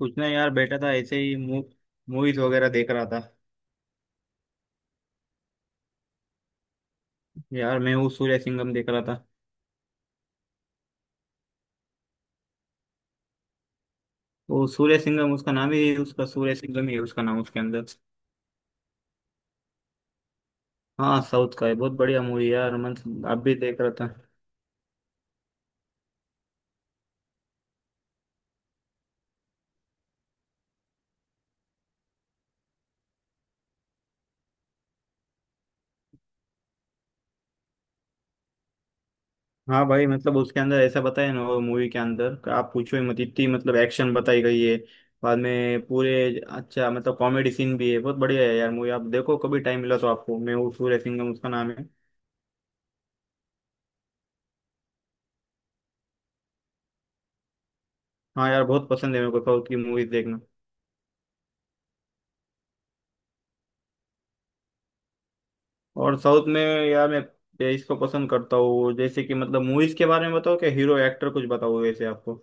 कुछ नहीं यार, बैठा था ऐसे ही। मूवीज वगैरह देख रहा था। यार मैं वो सूर्य सिंघम देख रहा था। वो सूर्य सिंघम उसका नाम ही, उसका सूर्य सिंघम ही है उसका नाम, उसके अंदर। हाँ, साउथ का है, बहुत बढ़िया मूवी यार, मतलब आप भी देख रहा था। हाँ भाई, मतलब उसके अंदर ऐसा बताया ना वो मूवी के अंदर कि आप पूछो ही मत, इतनी मतलब एक्शन बताई गई है बाद में पूरे। अच्छा, मतलब कॉमेडी सीन भी है, बहुत बढ़िया है यार मूवी, आप देखो कभी टाइम मिला तो, आपको मैं वो सूर्य सिंघम उसका नाम है। हाँ यार, बहुत पसंद है मेरे को साउथ की मूवीज देखना। और साउथ में यार, मैं इसको पसंद करता हूँ, जैसे कि मतलब मूवीज के बारे में बताओ, क्या हीरो एक्टर कुछ बताओ वैसे आपको।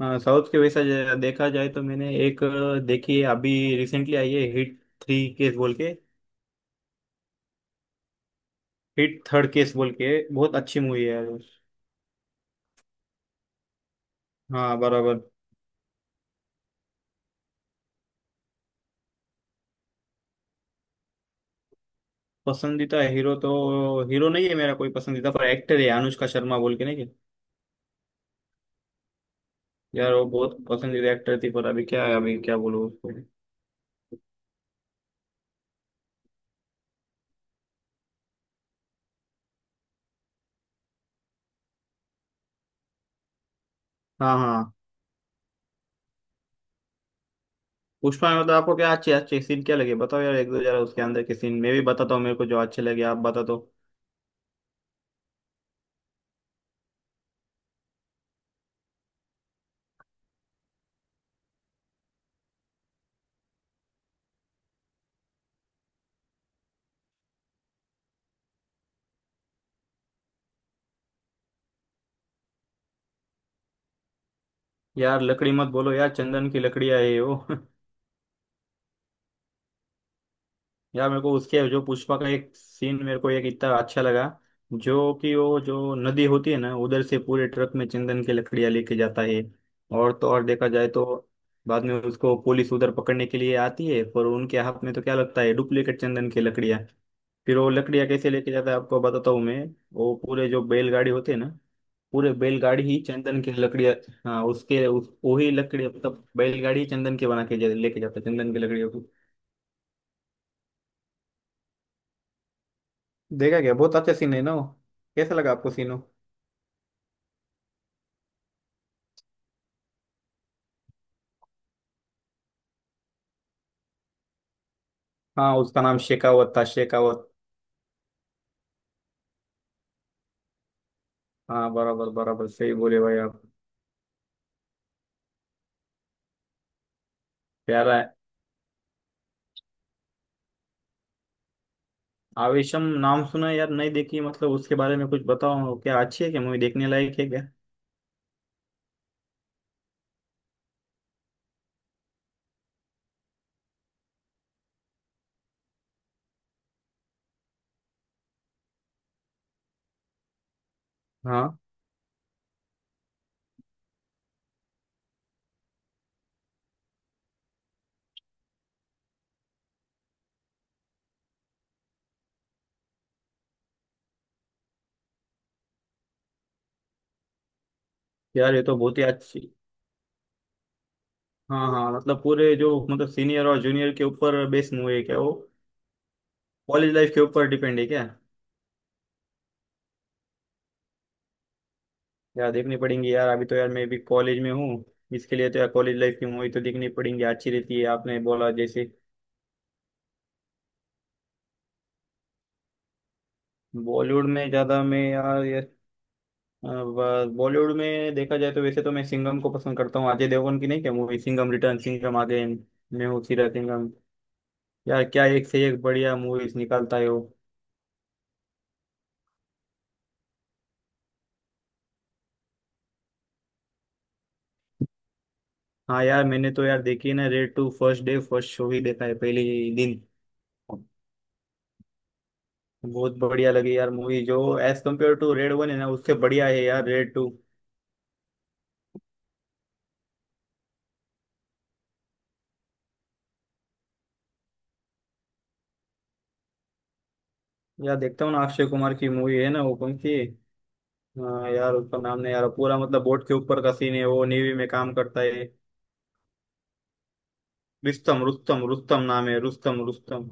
हाँ साउथ के वैसा देखा जाए तो मैंने एक देखी है, अभी रिसेंटली आई है, हिट थ्री केस बोल के। हिट थर्ड केस बोल के, बहुत अच्छी मूवी है यार। हाँ बराबर। पसंदीदा हीरो तो हीरो नहीं है मेरा कोई पसंदीदा, पर एक्टर है अनुष्का शर्मा बोल के, नहीं क्या? यार वो बहुत पसंदीदा एक्टर थी, पर अभी क्या है, अभी क्या बोलूँ उसको। हाँ हाँ। पुष्पा में मतलब आपको क्या अच्छे अच्छे सीन क्या लगे बताओ यार एक दो जरा, उसके अंदर के सीन मैं भी बताता हूँ मेरे को जो अच्छे लगे, आप बता दो। यार लकड़ी मत बोलो यार, चंदन की लकड़ियाँ है ये वो यार मेरे को उसके जो पुष्पा का एक सीन मेरे को एक इतना अच्छा लगा, जो कि वो जो नदी होती है ना, उधर से पूरे ट्रक में चंदन की लकड़ियाँ लेके जाता है। और तो और देखा जाए तो, बाद में उसको पुलिस उधर पकड़ने के लिए आती है, पर उनके हाथ में तो क्या लगता है, डुप्लीकेट चंदन की लकड़ियाँ। फिर वो लकड़ियाँ कैसे लेके जाता है आपको बताता हूँ मैं। वो पूरे जो बैलगाड़ी होते हैं ना, पूरे बैलगाड़ी ही चंदन की लकड़ियाँ। हाँ उसके उस वही लकड़ी मतलब बैलगाड़ी ही चंदन की बना के लेके जाता है, चंदन की लकड़ियों को। देखा क्या, बहुत अच्छा सीन है ना वो। कैसा लगा आपको सीन वो? हाँ, उसका नाम शेखावत था, शेखावत। हाँ बराबर बराबर, सही बोले भाई आप। प्यारा है। आवेशम नाम सुना है यार, नहीं देखी, मतलब उसके बारे में कुछ बताओ, क्या अच्छी है, क्या मूवी देखने लायक है क्या? हाँ यार, ये तो बहुत ही अच्छी। हाँ हाँ, मतलब पूरे जो मतलब सीनियर और जूनियर के ऊपर बेस्ड मूवी है क्या वो? कॉलेज लाइफ के ऊपर डिपेंड है क्या? यार देखनी पड़ेंगी यार, अभी तो यार मैं भी कॉलेज में हूँ, इसके लिए तो यार कॉलेज लाइफ की मूवी तो देखनी पड़ेंगी, अच्छी रहती है आपने बोला जैसे। बॉलीवुड में ज़्यादा मैं यार ये, बॉलीवुड में देखा जाए तो वैसे तो मैं सिंघम को पसंद करता हूँ, अजय देवगन की नहीं क्या movie, Singham return, Singham again, मैं हूँ सीरा सिंघम। यार क्या एक से एक बढ़िया मूवीज निकालता है वो। हाँ यार, मैंने तो यार देखी है ना Raid two, first day first show ही देखा है, पहले ही दिन। बहुत बढ़िया लगी यार मूवी, जो as compare to Raid one है ना, उससे बढ़िया है यार रेड टू। यार देखता हूँ ना, अक्षय कुमार की मूवी है ना वो कौन सी, हाँ, यार उसका नाम नहीं, यार पूरा मतलब बोट के ऊपर का सीन है, वो नेवी में काम करता है। रुस्तम, रुस्तम रुस्तम नाम है, रुस्तम रुस्तम।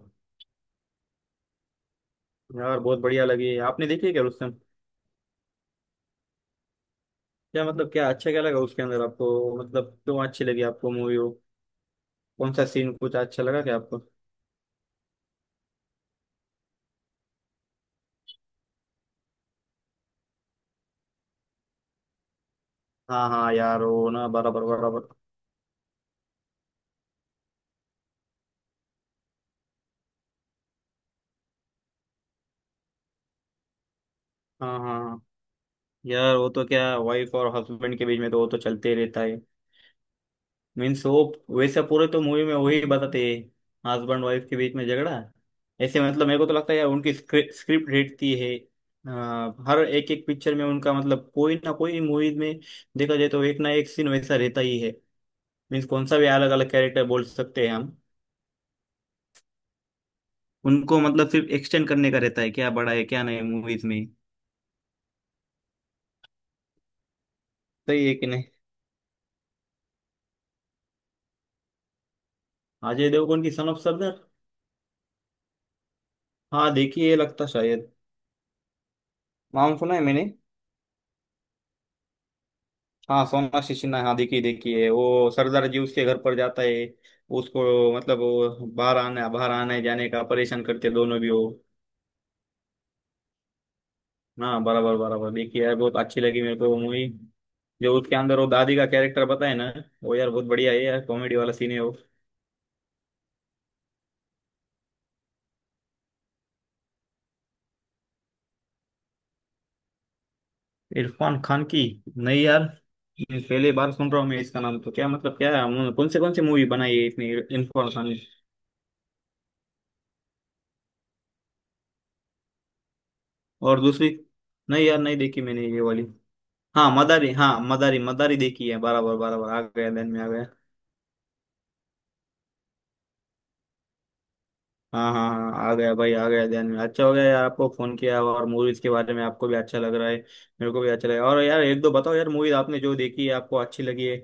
यार बहुत बढ़िया लगी, आपने देखी है क्या रुस्तम? क्या मतलब क्या अच्छा क्या लगा उसके अंदर आपको, मतलब क्यों अच्छी लगी आपको मूवी वो, कौन सा सीन कुछ अच्छा लगा क्या आपको? हाँ हाँ यार वो ना, बराबर बराबर। हाँ हाँ हाँ। यार वो तो क्या, वाइफ और हस्बैंड के बीच में तो वो तो चलते ही रहता है, मीन्स वो, वैसे पूरे तो मूवी में वही बताते हैं, हस्बैंड वाइफ के बीच में झगड़ा। ऐसे मतलब मेरे को तो लगता है यार उनकी स्क्रिप्ट रहती है हर एक एक पिक्चर में उनका, मतलब कोई ना कोई मूवी में देखा जाए तो एक ना एक सीन वैसा रहता ही है। मीन्स कौन सा भी अलग अलग कैरेक्टर बोल सकते हैं हम। उनको मतलब सिर्फ एक्सटेंड करने का रहता है, क्या बड़ा है क्या नहीं मूवीज में। सही है कि नहीं? अजय देवगन की सन ऑफ सरदार, हाँ देखिए ये लगता शायद, नाम सुना है मैंने। हाँ सोनाक्षी सिन्हा, हाँ देखी देखी है, वो सरदार जी उसके घर पर जाता है उसको, मतलब वो बाहर आने जाने का परेशान करते दोनों भी वो। हाँ बराबर बराबर, देखी यार, बहुत अच्छी लगी मेरे को वो मूवी। जो उसके अंदर वो दादी का कैरेक्टर बताए ना, वो यार बहुत बढ़िया है यार, कॉमेडी वाला सीन है वो। इरफान खान की, नहीं यार, मैं पहली बार सुन रहा हूँ मैं, इसका नाम तो क्या मतलब क्या है, कौन से मूवी बनाई है इसने, इरफान खान ने? और दूसरी, नहीं यार नहीं देखी मैंने ये वाली। हाँ मदारी, हाँ मदारी मदारी देखी है, बराबर बराबर, आ गया ध्यान में आ गया। हाँ हाँ हाँ हाँ, आ गया भाई आ गया ध्यान में, अच्छा हो गया यार आपको फोन किया और मूवीज के बारे में, आपको भी अच्छा लग रहा है, मेरे को भी अच्छा लगा। और यार एक दो बताओ यार मूवीज आपने जो देखी है आपको अच्छी लगी है,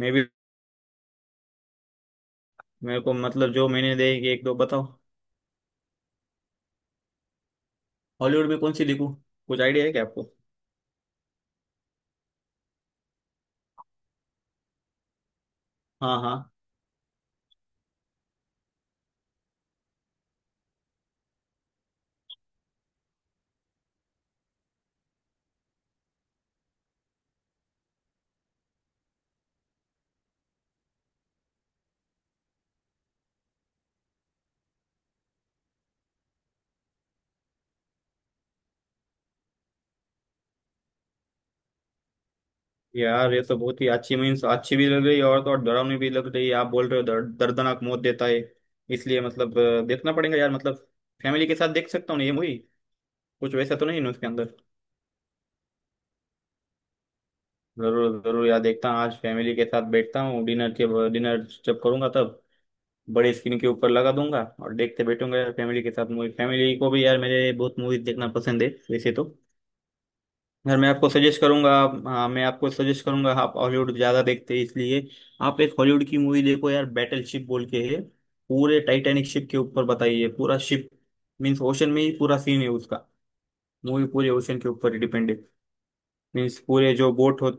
मैं भी, मेरे को मतलब जो मैंने देखी एक दो बताओ। हॉलीवुड में कौन सी देखूँ? कुछ आइडिया है क्या आपको? हाँ हाँ, यार ये तो बहुत ही अच्छी मीन्स अच्छी भी लग रही है, और तो और डरावनी भी लग रही है, आप बोल रहे हो दर्दनाक मौत देता है, इसलिए मतलब देखना पड़ेगा यार मतलब। फैमिली के साथ देख सकता हूँ ना ये मूवी? कुछ वैसा तो नहीं ना उसके अंदर? जरूर जरूर यार, देखता हूँ आज फैमिली के साथ बैठता हूँ, डिनर जब करूंगा तब बड़े स्क्रीन के ऊपर लगा दूंगा और देखते बैठूंगा यार, फैमिली के साथ मूवी, फैमिली को भी यार मेरे बहुत मूवीज देखना पसंद है वैसे तो। यार मैं आपको सजेस्ट करूंगा, हाँ, मैं आपको सजेस्ट करूंगा, आप हॉलीवुड ज्यादा देखते हैं इसलिए आप एक हॉलीवुड की मूवी देखो यार, बैटल शिप बोल के है। पूरे टाइटैनिक शिप के ऊपर बताइए, पूरा शिप मीन्स ओशन में ही पूरा सीन है उसका, मूवी पूरे ओशन के ऊपर डिपेंड है। मीन्स पूरे जो बोट हो,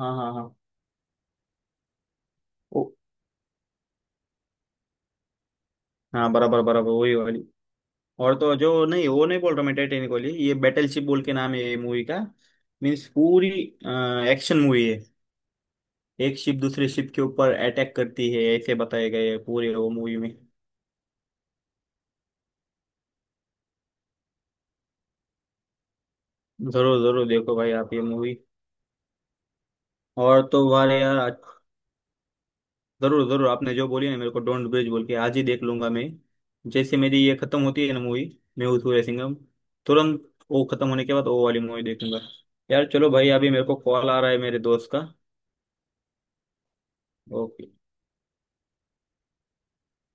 हाँ हाँ हाँ। हाँ बराबर बराबर वही वाली, और तो जो नहीं, वो नहीं बोल रहा मैं टाइटेनिक वाली, ये बैटल शिप बोल के नाम है ये मूवी का। मीन्स पूरी एक्शन मूवी है, एक शिप दूसरे शिप के ऊपर अटैक करती है ऐसे बताया गया है पूरे वो मूवी में। जरूर जरूर देखो भाई आप ये मूवी। और तो वाले यार, जरूर जरूर, आपने जो बोली ना मेरे को डोंट ब्रिज बोल के आज ही देख लूंगा मैं, जैसे मेरी ये खत्म होती है ना मूवी, मैं सूर्य सिंघम तुरंत वो खत्म होने के बाद वो वाली मूवी देखूंगा। यार चलो भाई, अभी मेरे को कॉल आ रहा है मेरे दोस्त का। ओके।